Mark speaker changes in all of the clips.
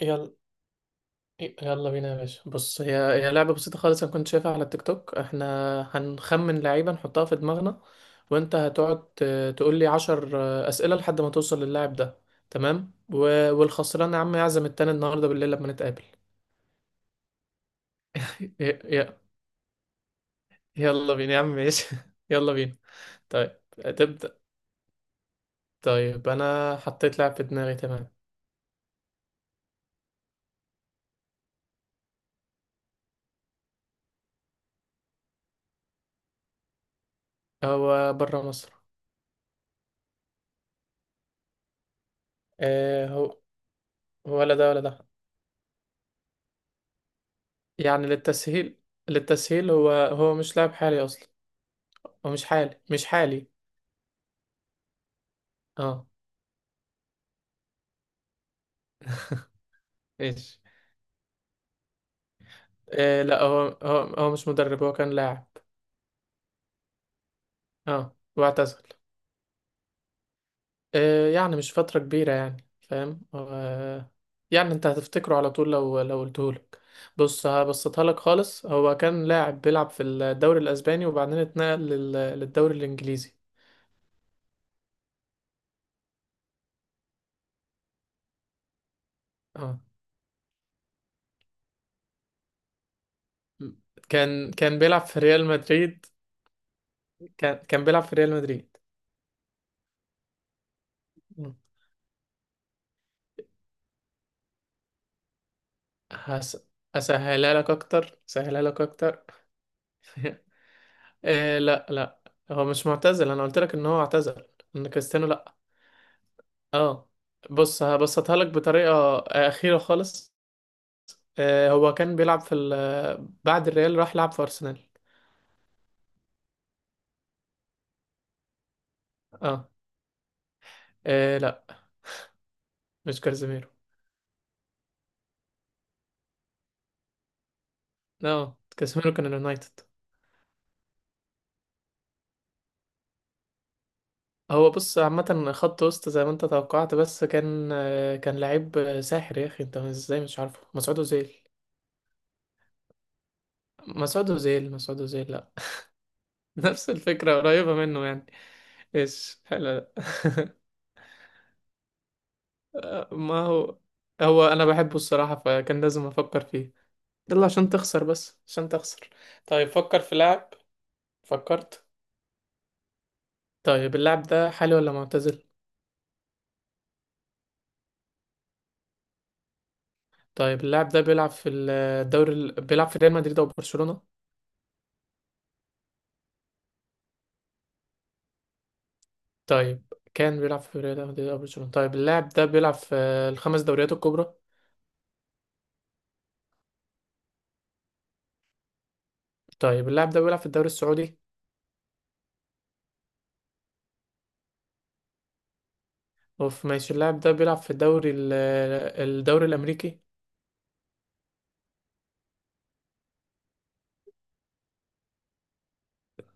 Speaker 1: يلا يلا بينا يا باشا، بص. هي لعبة بسيطة خالص، أنا كنت شايفها على التيك توك. احنا هنخمن لعيبة نحطها في دماغنا، وانت هتقعد تقول لي 10 أسئلة لحد ما توصل للاعب ده، تمام؟ والخسران يا عم يعزم التاني النهاردة بالليل لما نتقابل. ي- ي- يلا بينا يا عم، ماشي؟ يلا بينا. طيب، تبدأ. طيب، أنا حطيت لاعب في دماغي، تمام. هو برا مصر. اه، هو ولا ده ولا ده؟ يعني للتسهيل، للتسهيل. هو مش لاعب حالي أصلا. هو مش حالي، مش حالي. اه، ايش؟ آه، لا، هو مش مدرب، هو كان لاعب. اه، واعتزل. آه، يعني مش فترة كبيرة يعني، فاهم؟ آه، يعني انت هتفتكره على طول لو قلتهولك. بص، هبسطها لك خالص. هو كان لاعب بيلعب في الدوري الاسباني، وبعدين اتنقل للدوري الانجليزي. اه، كان بيلعب في ريال مدريد. كان بيلعب في ريال مدريد. مم. هس... اسهلها لك اكتر، اسهلها لك اكتر. إيه، لا لا، هو مش معتزل. انا قلت لك ان هو اعتزل ان كريستيانو، لا. اه، بص، هبسطها لك بطريقه اخيره خالص. إيه، هو كان بيلعب في بعد الريال راح لعب في ارسنال. اه، إيه، لا، مش كازيميرو. اه، كازيميرو كان اليونايتد. هو بص، عامه خط وسط زي ما انت توقعت، بس كان لعيب ساحر. يا اخي انت ازاي مش عارفه مسعود اوزيل؟ مسعود اوزيل، مسعود اوزيل. لا نفس الفكره قريبه منه يعني. ايش حلو ده! ما هو انا بحبه الصراحة، فكان لازم افكر فيه. يلا، عشان تخسر، بس عشان تخسر. طيب، فكر في لاعب. فكرت؟ طيب، اللاعب ده حالي ولا معتزل؟ طيب، اللاعب ده بيلعب في بيلعب في ريال مدريد او برشلونة؟ طيب، كان بيلعب في ريال مدريد او برشلونة؟ طيب، اللاعب ده بيلعب في الخمس دوريات الكبرى؟ طيب، اللاعب ده بيلعب في الدوري السعودي؟ اوف. ماشي، اللاعب ده بيلعب في الدوري الامريكي؟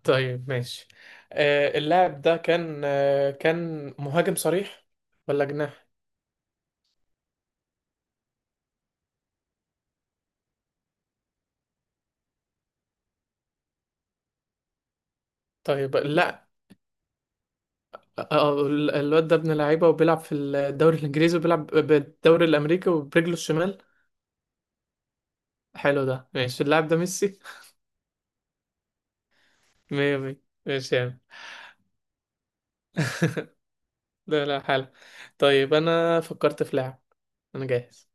Speaker 1: طيب، ماشي. اللاعب ده كان كان مهاجم صريح ولا جناح؟ طيب، لا. الواد ده ابن لعيبة وبيلعب في الدوري الإنجليزي وبيلعب بالدوري الأمريكي وبرجله الشمال. حلو ده، ماشي. اللاعب ده ميسي؟ مية مية، ماشي يعني. لا لا، حلو. طيب، أنا فكرت في لاعب. أنا جاهز.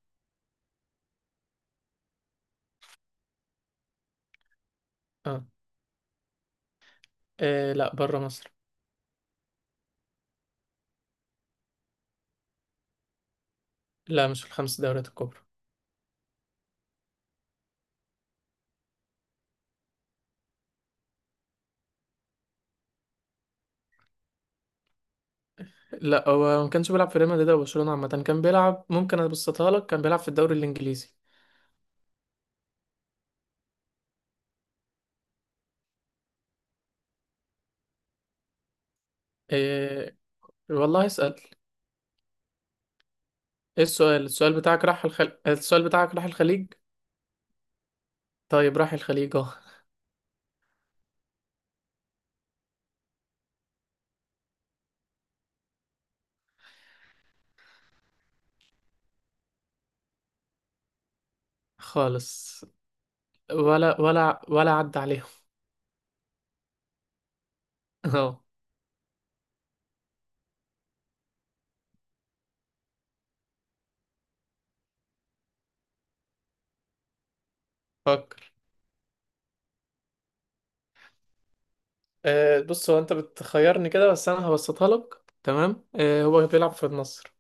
Speaker 1: اه، إيه، لا، بره مصر. لا، مش في الخمس دوريات الكبرى. لا، هو ما كانش بيلعب في ريال مدريد أو برشلونة. عامة كان بيلعب، ممكن أبسطها لك، كان بيلعب في الدوري الإنجليزي. إيه، والله اسأل. ايه، السؤال بتاعك، السؤال بتاعك راح الخليج؟ طيب، راح الخليج، اه. خالص، ولا عدى عليهم. اه، فكر. أه، بص، هو انت بتخيرني كده، بس انا هبسطها لك. تمام، أه، هو بيلعب في النصر.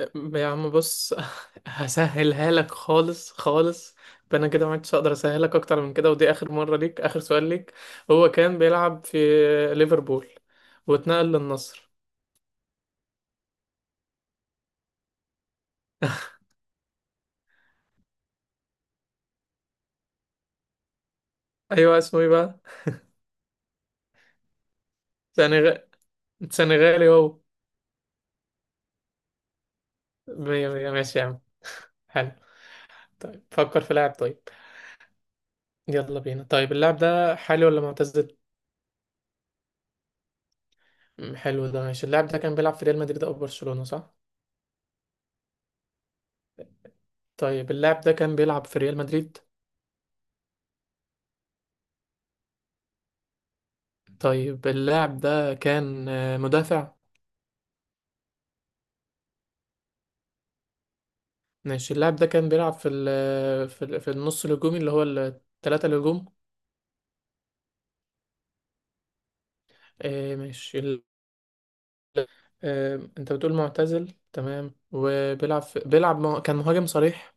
Speaker 1: آه، يا عم بص، هسهلها لك خالص، خالص. انا كده ما عدتش اقدر اسهلك اكتر من كده، ودي اخر مره ليك، اخر سؤال ليك. هو كان بيلعب في ليفربول واتنقل للنصر. ايوه، اسمه ايه بقى؟ سنغ... سنغالي هو. مية مية، ماشي يا عم، حلو. طيب، فكر في لاعب. طيب، يلا بينا. طيب، اللاعب ده حالي ولا معتزل؟ حلو ده، ماشي. اللاعب ده كان بيلعب في ريال مدريد او برشلونة، صح؟ طيب، اللاعب ده كان بيلعب في ريال مدريد؟ طيب، اللاعب ده كان مدافع؟ ماشي، اللاعب ده كان بيلعب في ال في, ال في النص الهجومي، اللي هو الثلاثة الهجوم. آه، ماشي ال- انت بتقول معتزل، تمام، وبيلعب كان مهاجم صريح؟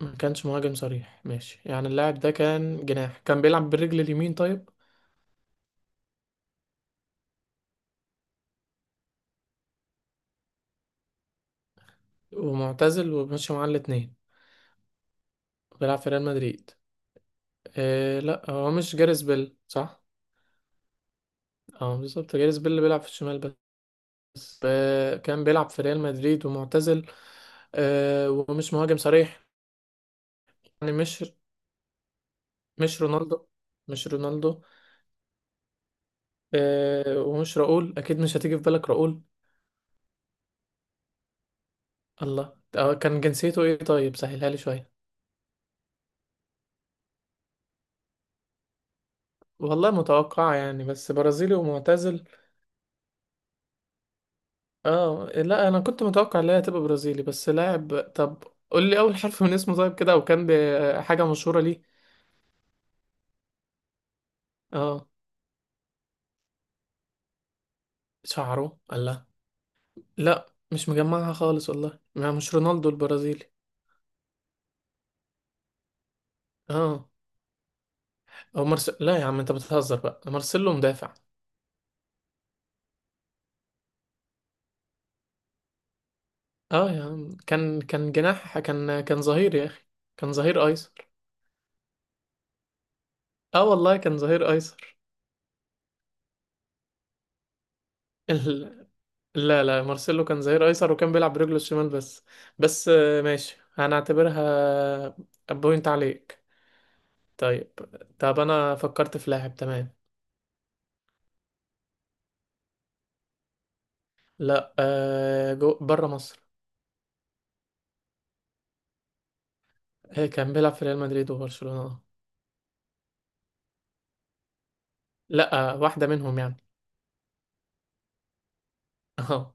Speaker 1: ما كانش مهاجم صريح، ماشي. يعني اللاعب ده كان جناح، كان بيلعب بالرجل اليمين، طيب. ومعتزل وماشي معاه الاتنين. بيلعب في ريال مدريد. إيه، لا، هو مش جاريث بيل، صح؟ اه، بالظبط جاريث بيل اللي بيلعب في الشمال. بس كان بيلعب في ريال مدريد ومعتزل. ومش مهاجم صريح، يعني مش رونالدو، مش رونالدو. ومش راؤول، اكيد مش هتيجي في بالك راؤول. الله، كان جنسيته ايه؟ طيب سهلها لي شويه. والله متوقع يعني، بس برازيلي ومعتزل. اه، لا، انا كنت متوقع ان هي هتبقى برازيلي، بس لاعب. طب قول لي اول حرف من اسمه طيب، كده، وكان بحاجه مشهوره ليه. اه، شعره. الله، لا لا، مش مجمعها خالص والله، ما مش رونالدو البرازيلي. اه، لا يا عم، انت بتهزر بقى؟ مارسيلو مدافع. اه يا عم، كان جناح؟ كان ظهير يا اخي، كان ظهير ايسر. اه، والله كان ظهير ايسر. ال... لا لا، مارسيلو كان ظهير ايسر وكان بيلعب برجله الشمال بس. بس ماشي، هنعتبرها بوينت عليك. طيب. طب، انا فكرت في لاعب، تمام. لا، بره مصر. كان بيلعب في ريال مدريد وبرشلونة. لا، واحدة منهم يعني. اه،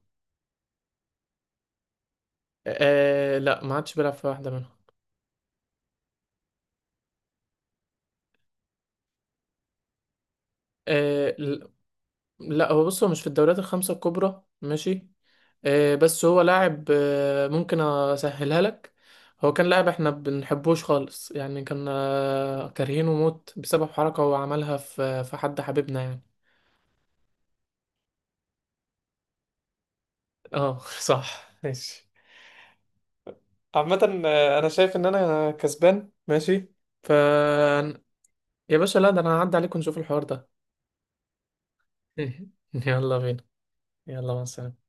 Speaker 1: لا، ما عادش بيلعب في واحدة منهم. آه، ل- لا، هو بص، هو مش في الدوريات الخمسة الكبرى، ماشي. بس هو لاعب، ممكن اسهلها لك. هو كان لاعب احنا بنحبوش خالص، يعني كنا كارهينه موت بسبب حركة هو عملها في حد حبيبنا يعني. اه صح، ماشي. عامة، انا شايف ان انا كسبان، ماشي. ف يا باشا، لا، ده انا هعدي عليكم نشوف الحوار ده. يلا بينا. يلا، مع السلامة.